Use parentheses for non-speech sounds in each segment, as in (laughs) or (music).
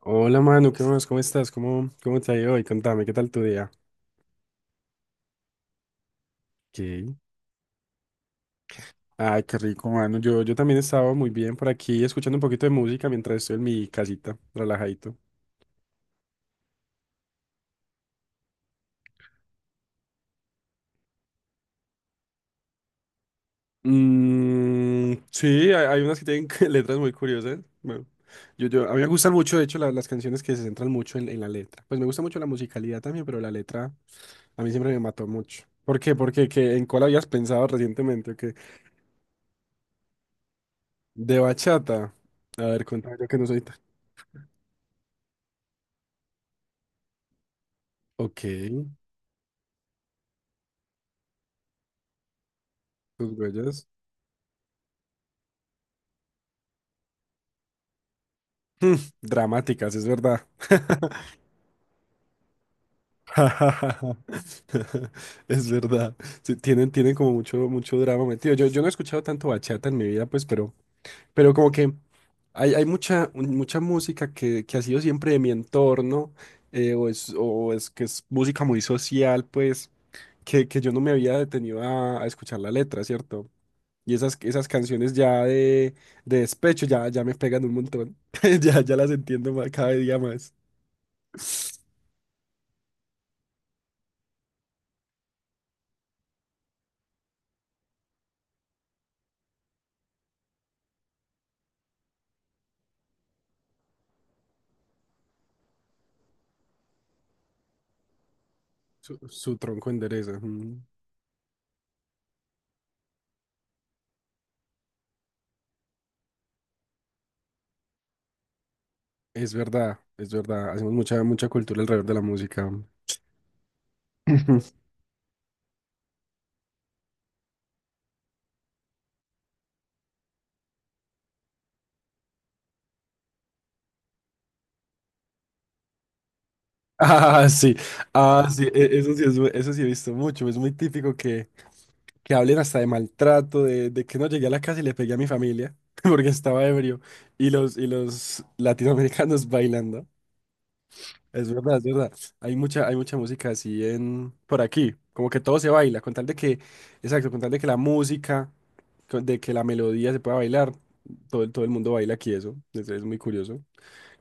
Hola Manu, ¿qué más? ¿Cómo estás? ¿Cómo te ha ido hoy? Contame, ¿qué tal tu día? Ok. Ay, qué rico, mano. Yo también estaba muy bien por aquí escuchando un poquito de música mientras estoy en mi casita, relajadito. Mm, sí, hay unas que tienen (laughs) letras muy curiosas. Bueno, a mí me gustan mucho, de hecho, las canciones que se centran mucho en la letra. Pues me gusta mucho la musicalidad también, pero la letra a mí siempre me mató mucho. ¿Por qué? Porque ¿en cuál habías pensado recientemente? ¿O qué? De bachata. A ver, cuéntame, yo que no soy tan... Ok. Sus huellas mm, (laughs) dramáticas, es verdad. (laughs) Es verdad. Sí, tienen como mucho, mucho drama metido. Yo no he escuchado tanto bachata en mi vida, pues, pero como que hay mucha, mucha música que ha sido siempre de mi entorno, o es que es música muy social, pues, que yo no me había detenido a escuchar la letra, ¿cierto? Y esas canciones ya de despecho ya me pegan un montón. (laughs) Ya las entiendo más, cada día más. Su, su tronco endereza. Mm. Es verdad, es verdad. Hacemos mucha, mucha cultura alrededor de la música. (laughs) Ujú. Ah, sí, ah, sí, eso sí, eso sí he visto mucho. Es muy típico que hablen hasta de maltrato, de que no llegué a la casa y le pegué a mi familia (laughs) porque estaba ebrio y los latinoamericanos bailando. Es verdad, es verdad. Hay mucha música así en por aquí. Como que todo se baila, con tal de que, exacto, con tal de que la música, de que la melodía se pueda bailar, todo, todo el mundo baila aquí eso. Es muy curioso. En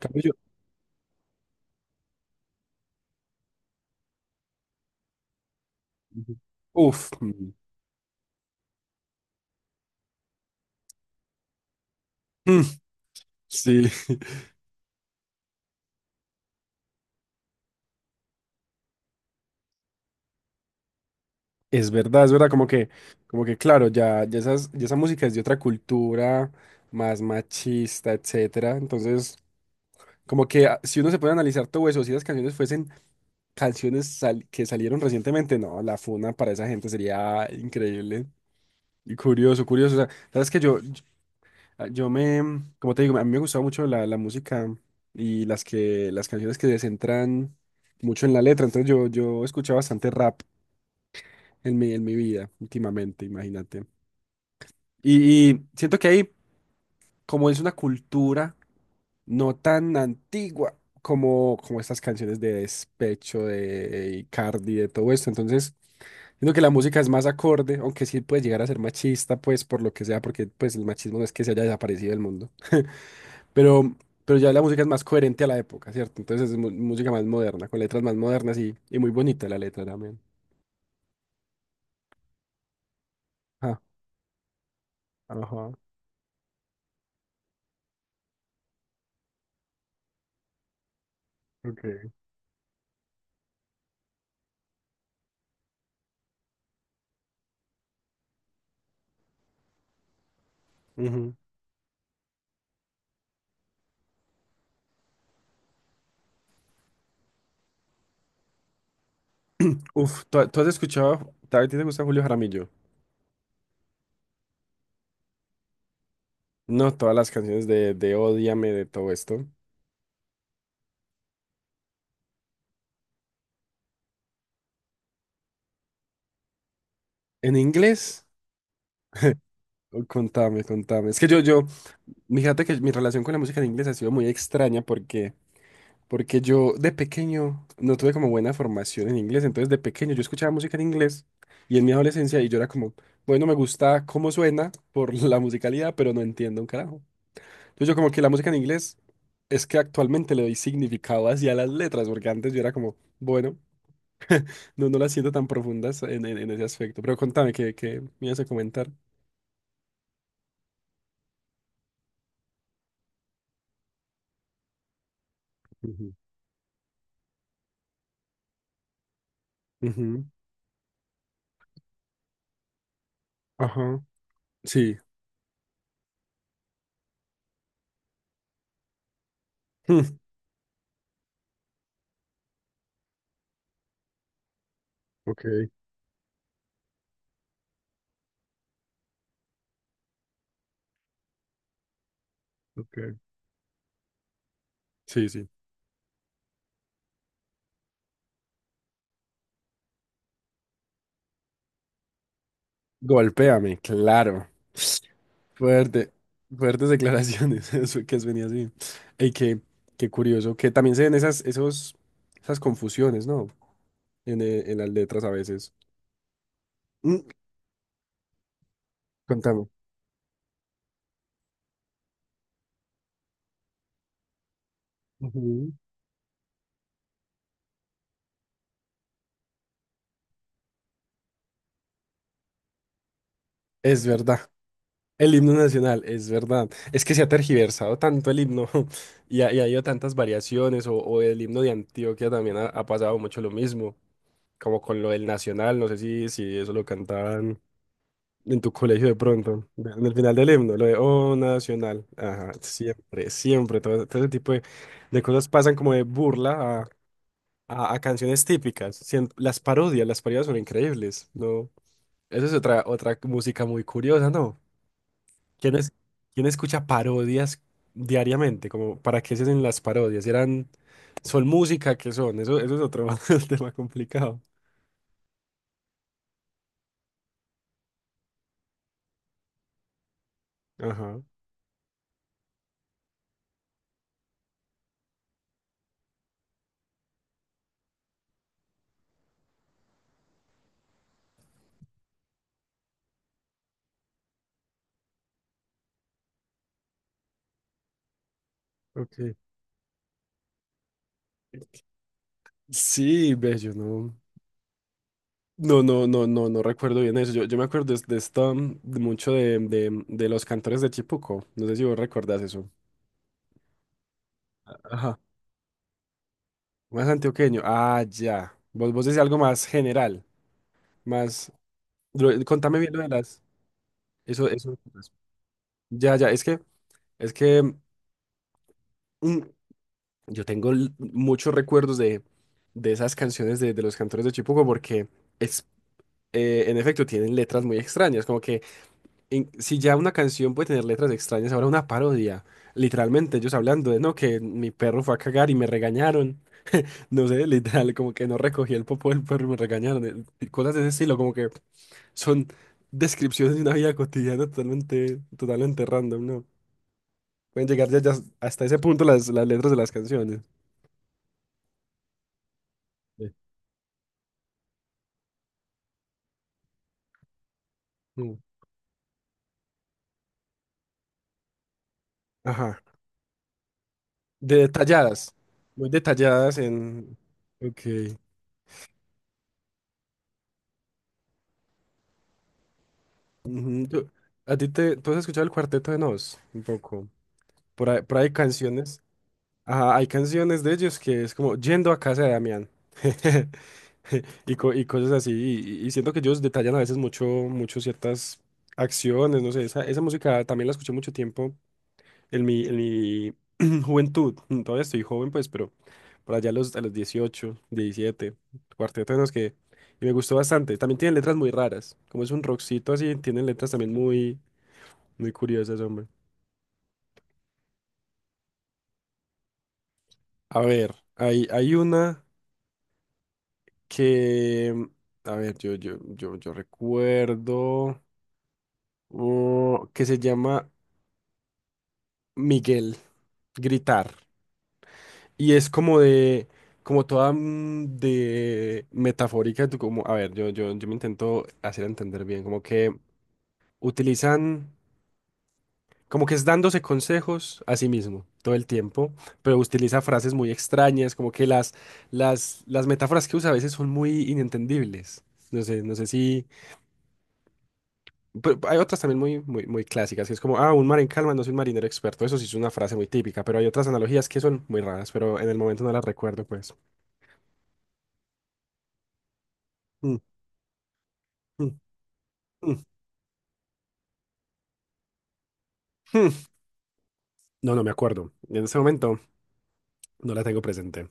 cambio yo. Ujú. Uf. Mm, mm, sí, es verdad, es verdad. Como que claro, ya esa música es de otra cultura, más machista, etcétera. Entonces, como que ah, si uno se puede analizar todo eso, si las canciones fuesen canciones que salieron recientemente, no, la funa para esa gente sería increíble y curioso, curioso. O sea, sabes que yo me, como te digo, a mí me gustaba mucho la música y las canciones que se centran mucho en la letra. Entonces yo escuché bastante rap en mi vida últimamente, imagínate. Y siento que ahí como es una cultura no tan antigua como estas canciones de despecho, de Icardi, de todo esto. Entonces, siento que la música es más acorde, aunque sí puede llegar a ser machista, pues por lo que sea, porque pues el machismo no es que se haya desaparecido del mundo. (laughs) Pero, pero ya la música es más coherente a la época, ¿cierto? Entonces música más moderna, con letras más modernas y muy bonita la letra también. Ah, ajá, ok. Ujú. Uf, ¿tú has escuchado, a ti te gusta Julio Jaramillo? No, todas las canciones de Ódiame, de todo esto. ¿En inglés? Oh, contame, contame. Es que fíjate que mi relación con la música en inglés ha sido muy extraña porque, yo de pequeño no tuve como buena formación en inglés. Entonces de pequeño yo escuchaba música en inglés y en mi adolescencia y yo era como, bueno, me gusta cómo suena por (laughs) la musicalidad, pero no entiendo un carajo. Entonces yo como que la música en inglés es que actualmente le doy significado hacia las letras porque antes yo era como, bueno. No, no las siento tan profundas en ese aspecto. Pero contame, ¿qué me ibas a comentar? Ujú. Ujú, ajá. Sí. (laughs) Hmm, ok, ok. Sí, sí. Golpéame, claro. Fuerte. Fuertes declaraciones. (laughs) Eso que es venía así. Y qué curioso. Que también se ven esas confusiones, ¿no? En las letras a veces. Mm, Contame. Ujú. Es verdad. El himno nacional, es verdad. Es que se ha tergiversado tanto el himno (laughs) y ha habido tantas variaciones. O el himno de Antioquia también ha pasado mucho lo mismo, como con lo del nacional. No sé si eso lo cantaban en tu colegio de pronto, en el final del himno, lo de Oh Nacional. Ajá, siempre, siempre. Todo ese tipo de cosas pasan como de burla a canciones típicas. Las parodias son increíbles, ¿no? Eso es otra música muy curiosa, ¿no? ¿Quién es, quién escucha parodias diariamente? Como, ¿para qué se hacen las parodias? ¿Son música? ¿Qué son? Eso es otro (laughs) tema complicado. Ajá, ok. Sí, ve, yo no. No, no, no, no, no recuerdo bien eso. Yo me acuerdo de esta, de, los cantores de Chipuco. No sé si vos recordás eso. Ajá. Más antioqueño. Ah, ya. Vos decís algo más general, más... Contame bien lo de las... Eso, eso. Ya, ya, es que mm, yo tengo muchos recuerdos de esas canciones de los cantores de Chipuco porque es, en efecto tienen letras muy extrañas, como que si ya una canción puede tener letras extrañas, ahora una parodia, literalmente ellos hablando de, no, que mi perro fue a cagar y me regañaron, no sé, literal, como que no recogí el popo del perro y me regañaron, y cosas de ese estilo, como que son descripciones de una vida cotidiana totalmente, totalmente random, ¿no? Pueden llegar ya hasta ese punto las letras de las canciones. Sí. Mm. Ajá. De detalladas, muy detalladas en... Ok. Ujú, ¿Tú has escuchado el Cuarteto de Nos? Un poco. Por ahí hay canciones. Ajá, hay canciones de ellos que es como yendo a casa de Damián. (laughs) Y cosas así. Y siento que ellos detallan a veces mucho, mucho ciertas acciones, no sé. Esa música también la escuché mucho tiempo en mi (clears throat) juventud, (clears throat) todavía estoy joven, pues, pero por allá a los, 18 17, Cuarteto de Nos, que... Y me gustó bastante. También tienen letras muy raras. Como es un rockcito así, tienen letras también muy, muy curiosas, hombre. A ver, hay una que... mm, a ver, yo recuerdo... oh, que se llama Miguel, Gritar. Y es como de, como toda de metafórica, tú como, a ver, yo me intento hacer entender bien, como que utilizan, como que es dándose consejos a sí mismo todo el tiempo, pero utiliza frases muy extrañas, como que las metáforas que usa a veces son muy inentendibles. No sé si, pero hay otras también muy, muy, muy clásicas, que es como, ah, un mar en calma no es un marinero experto, eso sí es una frase muy típica, pero hay otras analogías que son muy raras, pero en el momento no las recuerdo, pues. Mm, mm, mm. (laughs) No, no me acuerdo. En ese momento no la tengo presente.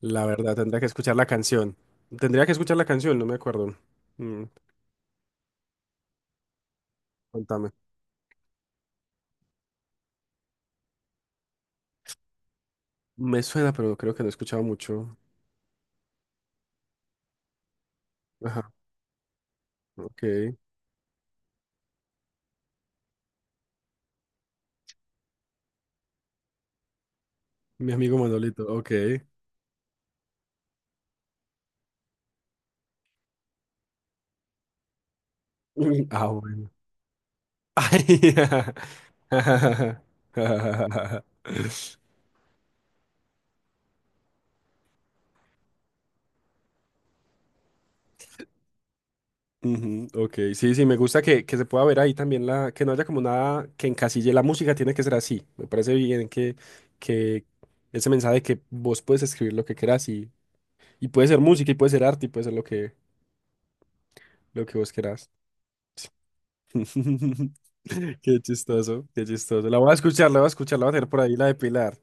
La verdad, tendría que escuchar la canción. Tendría que escuchar la canción, no me acuerdo. Mm, contame. Me suena, pero creo que no he escuchado mucho. Ajá, ok. Mi amigo Manolito, ok. Mm, ah, bueno. (laughs) Ay, (laughs) ujú, ok, sí, sí, me gusta que se pueda ver ahí también que no haya como nada que encasille la música, tiene que ser así. Me parece bien que ese mensaje de que vos puedes escribir lo que quieras y puede ser música, y puede ser arte, y puede ser lo que vos querás. (laughs) Qué chistoso, qué chistoso. La voy a escuchar, la voy a escuchar, la voy a tener por ahí, la de Pilar.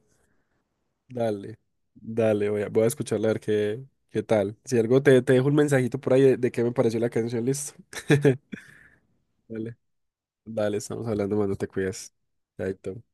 Dale, dale, voy a escucharla a ver qué tal. Si algo te dejo un mensajito por ahí de qué me pareció la canción, listo. (laughs) Dale, dale, estamos hablando, mano, te cuidas. Chaito.